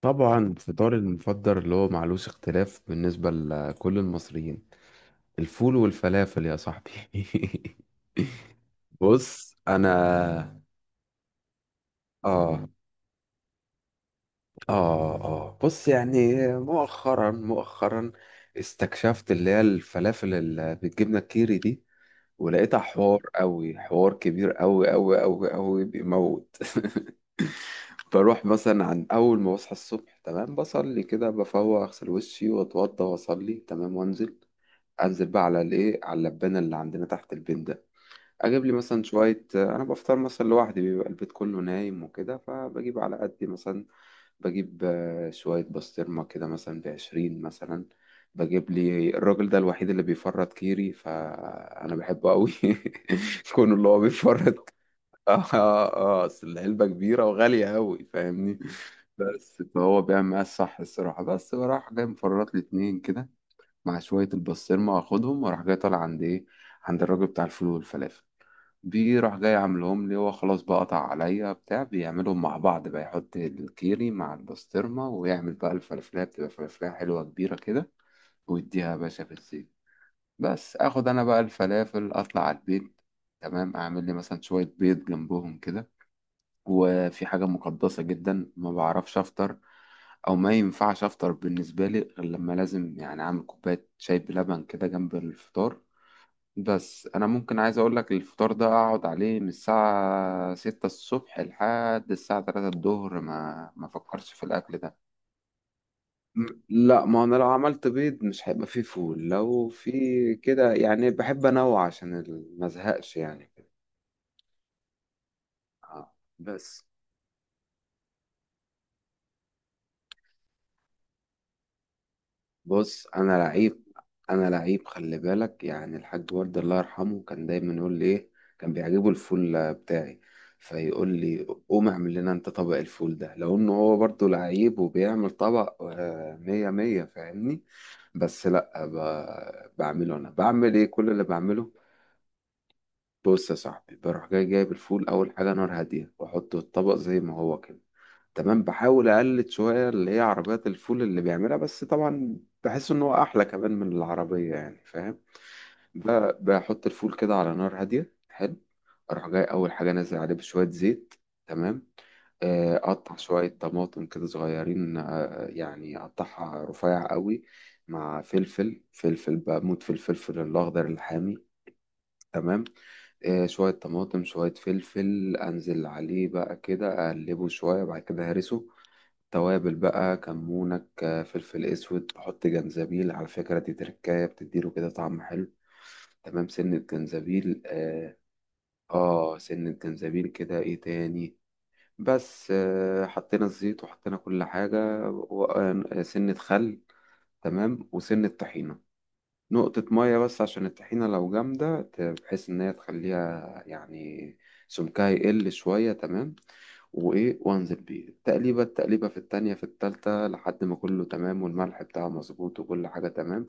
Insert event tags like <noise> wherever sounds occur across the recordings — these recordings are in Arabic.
طبعا فطاري المفضل اللي هو معلوش اختلاف بالنسبة لكل المصريين، الفول والفلافل يا صاحبي. <laughs> بص انا. اه اه بص يعني مؤخرا مؤخرا استكشفت اللي هي الفلافل اللي بالجبنة الكيري دي، ولقيتها حوار قوي، حوار كبير قوي قوي قوي قوي بيموت. <laughs> بروح مثلا عن اول ما بصحى الصبح، تمام، بصلي كده، بفوق اغسل وشي واتوضى واصلي، تمام، وانزل بقى على الايه، على اللبانه اللي عندنا تحت البيت ده، اجيب لي مثلا شويه. انا بفطر مثلا لوحدي، بيبقى البيت كله نايم وكده، فبجيب على قدي مثلا. بجيب شويه بسطرمه كده مثلا بعشرين مثلا. بجيب لي الراجل ده الوحيد اللي بيفرط كيري، فانا بحبه قوي. <laughs> كونه اللي هو بيفرط. <laughs> اه اه، اصل العلبه كبيره وغاليه قوي فاهمني. بس فهو بيعمل معايا الصح، الصراحه. بس بروح جاي مفرط لي اتنين كده مع شوية البسطرمة، واخدهم واروح جاي طالع عند ايه، عند الراجل بتاع الفول والفلافل. بيجي راح جاي عاملهم لي، هو خلاص بقى قطع عليا بتاع، بيعملهم مع بعض بقى، يحط الكيري مع البسطرمة ويعمل بقى الفلافلية، بتبقى فلافلية حلوة كبيرة كده، ويديها يا باشا في الزيت. بس اخد انا بقى الفلافل اطلع على البيت. تمام، اعمل لي مثلا شوية بيض جنبهم كده. وفي حاجة مقدسة جدا، ما بعرفش أفطر أو ما ينفعش أفطر بالنسبة لي، غير لما لازم يعني أعمل كوباية شاي بلبن كده جنب الفطار. بس أنا ممكن عايز أقولك، الفطار ده أقعد عليه من الساعة 6 الصبح لحد الساعة 3 الظهر، ما فكرش في الأكل ده. لا، ما أنا لو عملت بيض مش هيبقى فيه فول، لو في كده يعني. بحب أنوع عشان ما أزهقش يعني كده. بس. بص انا لعيب، انا لعيب خلي بالك، يعني الحاج ورد الله يرحمه كان دايما يقول لي ايه، كان بيعجبه الفول بتاعي، فيقول لي قوم اعمل لنا انت طبق الفول ده، لو انه هو برضه لعيب وبيعمل طبق مية مية فاهمني. بس لا، بعمله انا، بعمل ايه؟ كل اللي بعمله: بص يا صاحبي، بروح جاي جايب الفول، اول حاجه نار هاديه واحطه الطبق زي ما هو كده. تمام، بحاول اقلد شويه اللي هي عربيات الفول اللي بيعملها، بس طبعا بحس ان هو احلى كمان من العربيه يعني، فاهم. بحط الفول كده على نار هاديه، حلو. اروح جاي اول حاجه نازل عليه بشويه زيت. تمام. اقطع شويه طماطم كده صغيرين، يعني اقطعها رفيع قوي، مع فلفل. فلفل، بموت في الفلفل الاخضر الحامي. تمام. شويه طماطم شويه فلفل، انزل عليه بقى كده، اقلبه شويه، بعد كده هرسه. توابل بقى، كمونك، فلفل اسود، تحط جنزبيل، على فكرة دي تركاية بتديله كده طعم حلو. تمام، سنة جنزبيل. اه، آه سنة جنزبيل كده، ايه تاني؟ بس آه حطينا الزيت وحطينا كل حاجة، وسنة خل. تمام، وسنة طحينة، نقطة مية بس، عشان الطحينة لو جامدة بحيث إن هي تخليها يعني سمكها يقل شوية. تمام، وإيه؟ وأنزل بيه تقليبة، تقليبة في التانية في التالتة لحد ما كله تمام، والملح بتاعه مظبوط وكل حاجة تمام،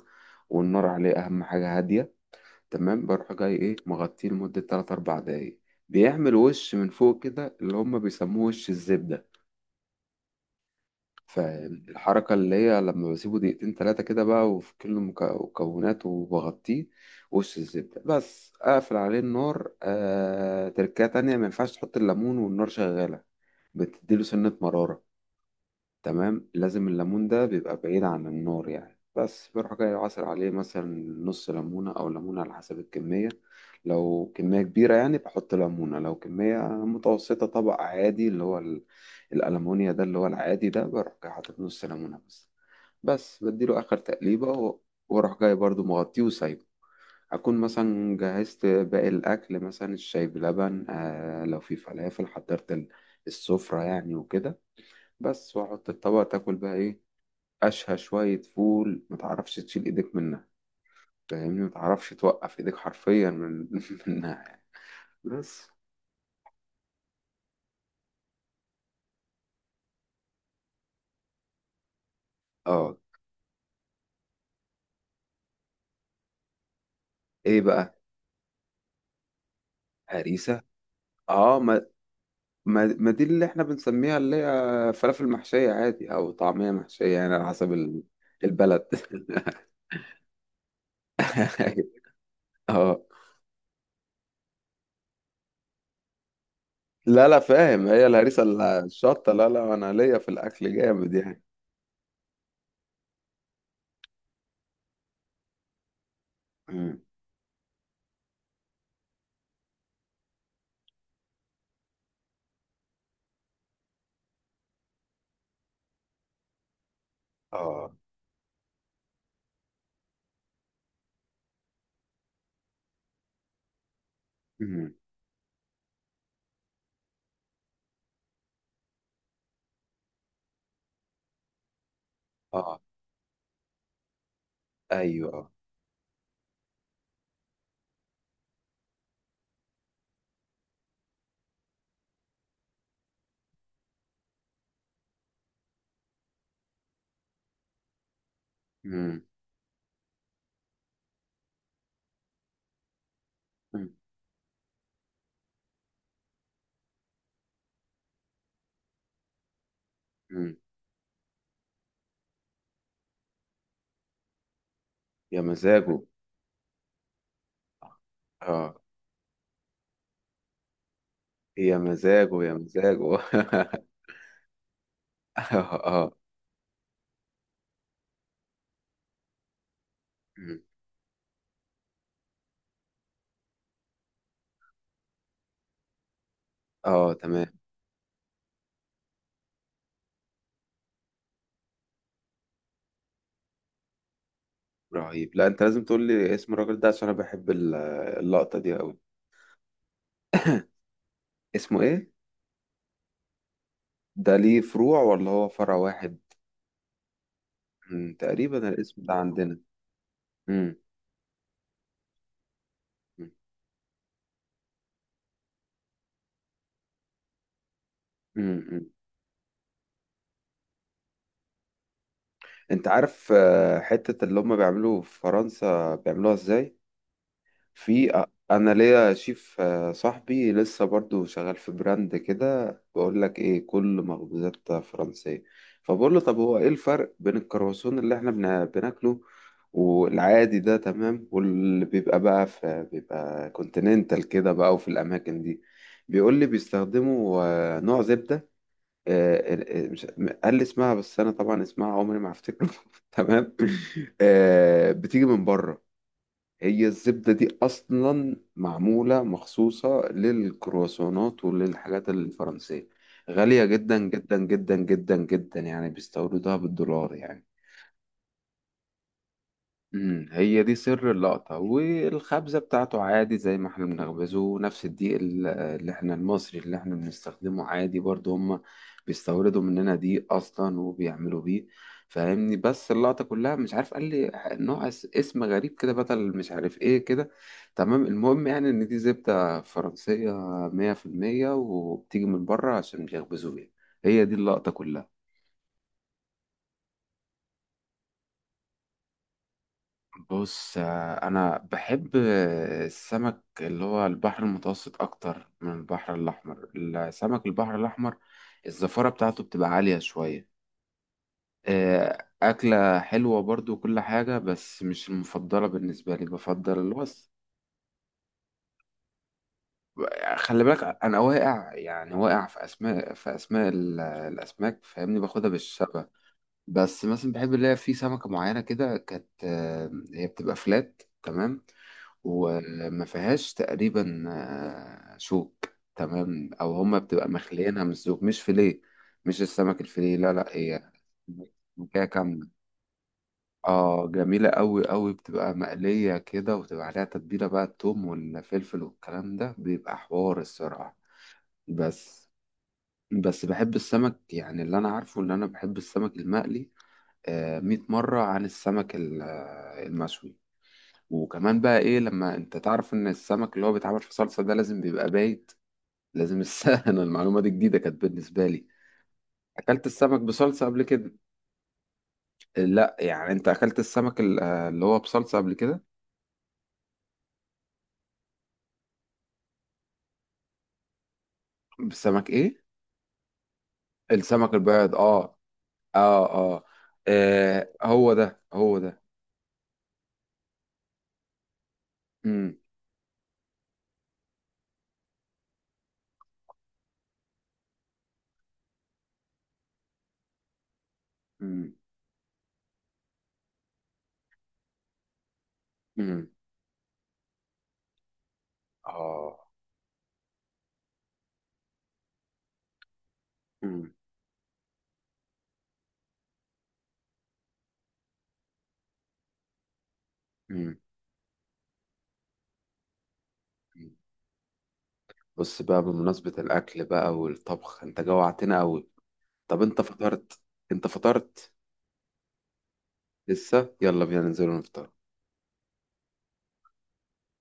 والنار عليه أهم حاجة، هادية. تمام، بروح جاي إيه، مغطيه لمدة تلات أربع دقايق. بيعمل وش من فوق كده، اللي هما بيسموه وش الزبدة. فالحركة اللي هي لما بسيبه دقيقتين تلاتة كده بقى، وفي كل مكوناته، وبغطيه وش الزبدة، بس أقفل عليه النار. تركية تانية، ما ينفعش تحط الليمون والنار شغالة، بتديله سنة مرارة. تمام، لازم الليمون ده بيبقى بعيد عن النار يعني. بس بروح جاي عصر عليه مثلا نص ليمونة أو ليمونة على حسب الكمية. لو كمية كبيرة يعني بحط ليمونة، لو كمية متوسطة طبق عادي اللي هو الألمونيا ده اللي هو العادي ده، بروح جاي حاطط نص ليمونة بس. بس بديله آخر تقليبة وأروح جاي برضو مغطيه وسايبه. أكون مثلا جهزت باقي الأكل، مثلا الشاي بلبن، لو في فلافل حضرت السفرة يعني وكده. بس، واحط الطبق. تاكل بقى ايه؟ أشهى شوية فول، ما تعرفش تشيل إيدك منها. فاهمني، ما تعرفش توقف إيدك حرفيا من <laughs> منها يعني. بس. اه. إيه بقى؟ هريسة. اه، ما دي اللي احنا بنسميها اللي هي فلافل محشية عادي أو طعمية محشية، يعني على حسب البلد. <laughs> اه، لا لا، فاهم، هي الهريسة الشطة. لا لا، أنا ليا في الأكل جامد يعني. مم. اه. مم. اه. أيوه. مم. مم. مم. يا مزاجه. اه. يا مزاجه، يا مزاجه. <laughs> اه اه. مم. اه. تمام. رهيب. لا، انت لازم تقول لي اسم الراجل ده، عشان انا بحب اللقطة دي قوي. اسمه ايه؟ ده ليه فروع ولا هو فرع واحد؟ مم، تقريبا الاسم ده عندنا. مم. مم. مم. مم. انت عارف حتة اللي هم بيعملوا في فرنسا بيعملوها ازاي؟ في انا ليا شيف صاحبي لسه برضو شغال في براند كده، بقول لك ايه، كل مخبوزات فرنسية. فبقول له طب هو ايه الفرق بين الكرواسون اللي احنا بناكله والعادي ده، تمام، واللي بيبقى بقى في، بيبقى كونتيننتال كده بقى وفي الاماكن دي. بيقول لي بيستخدموا نوع زبدة، مش قال لي اسمها، بس انا طبعا اسمها عمري ما هفتكره. <laughs> تمام، بتيجي من بره. هي الزبدة دي أصلا معمولة مخصوصة للكرواسونات وللحاجات الفرنسية، غالية جدا جدا جدا جدا جدا يعني، بيستوردوها بالدولار يعني. امم، هي دي سر اللقطة. والخبزة بتاعته عادي زي ما احنا بنخبزه، نفس الدقيق اللي احنا المصري اللي احنا بنستخدمه عادي، برضه هما بيستوردوا مننا دقيق اصلا وبيعملوا بيه فاهمني. بس اللقطة كلها، مش عارف، قال لي نوع اسم غريب كده، بدل مش عارف ايه كده. تمام، المهم يعني ان دي زبدة فرنسية مية في المية وبتيجي من بره، عشان بيخبزوا بيها. هي دي اللقطة كلها. بص، انا بحب السمك اللي هو البحر المتوسط اكتر من البحر الاحمر. السمك البحر الاحمر، الزفارة بتاعته بتبقى عالية شوية، اكلة حلوة برضو وكل حاجة، بس مش المفضلة بالنسبة لي. بفضل اللي هو خلي بالك، انا واقع يعني، واقع في اسماء الاسماك، فاهمني، باخدها بالشبه. بس مثلا بحب اللي هي، في سمكة معينة كده كانت هي بتبقى فلات، تمام، وما فيهاش تقريبا شوك. تمام، او هما بتبقى مخليينها من الزوج مش فيليه، مش السمك الفيليه. لا لا، هي سمكية كاملة. اه، جميلة قوي قوي، بتبقى مقلية كده، وتبقى عليها تتبيلة بقى، التوم والفلفل والكلام ده بيبقى حوار الصراحة. بس بس بحب السمك، يعني اللي انا عارفه ان انا بحب السمك المقلي 100 مرة عن السمك المشوي. وكمان بقى ايه، لما انت تعرف ان السمك اللي هو بيتعمل في صلصة ده لازم بيبقى بايت، لازم السمك. <laughs> انا المعلومة دي جديدة كانت بالنسبة لي. اكلت السمك بصلصة قبل كده؟ لا، يعني انت اكلت السمك اللي هو بصلصة قبل كده؟ بالسمك ايه؟ السمك البيض. اه. اه. اه، آه، هو ده هو ده. امم. امم. امم. اه. امم. امم. أمم. بص بقى بمناسبة الأكل بقى والطبخ، أنت جوعتنا أوي. طب أنت فطرت؟ أنت فطرت؟ لسه. يلا بينا ننزل ونفطر.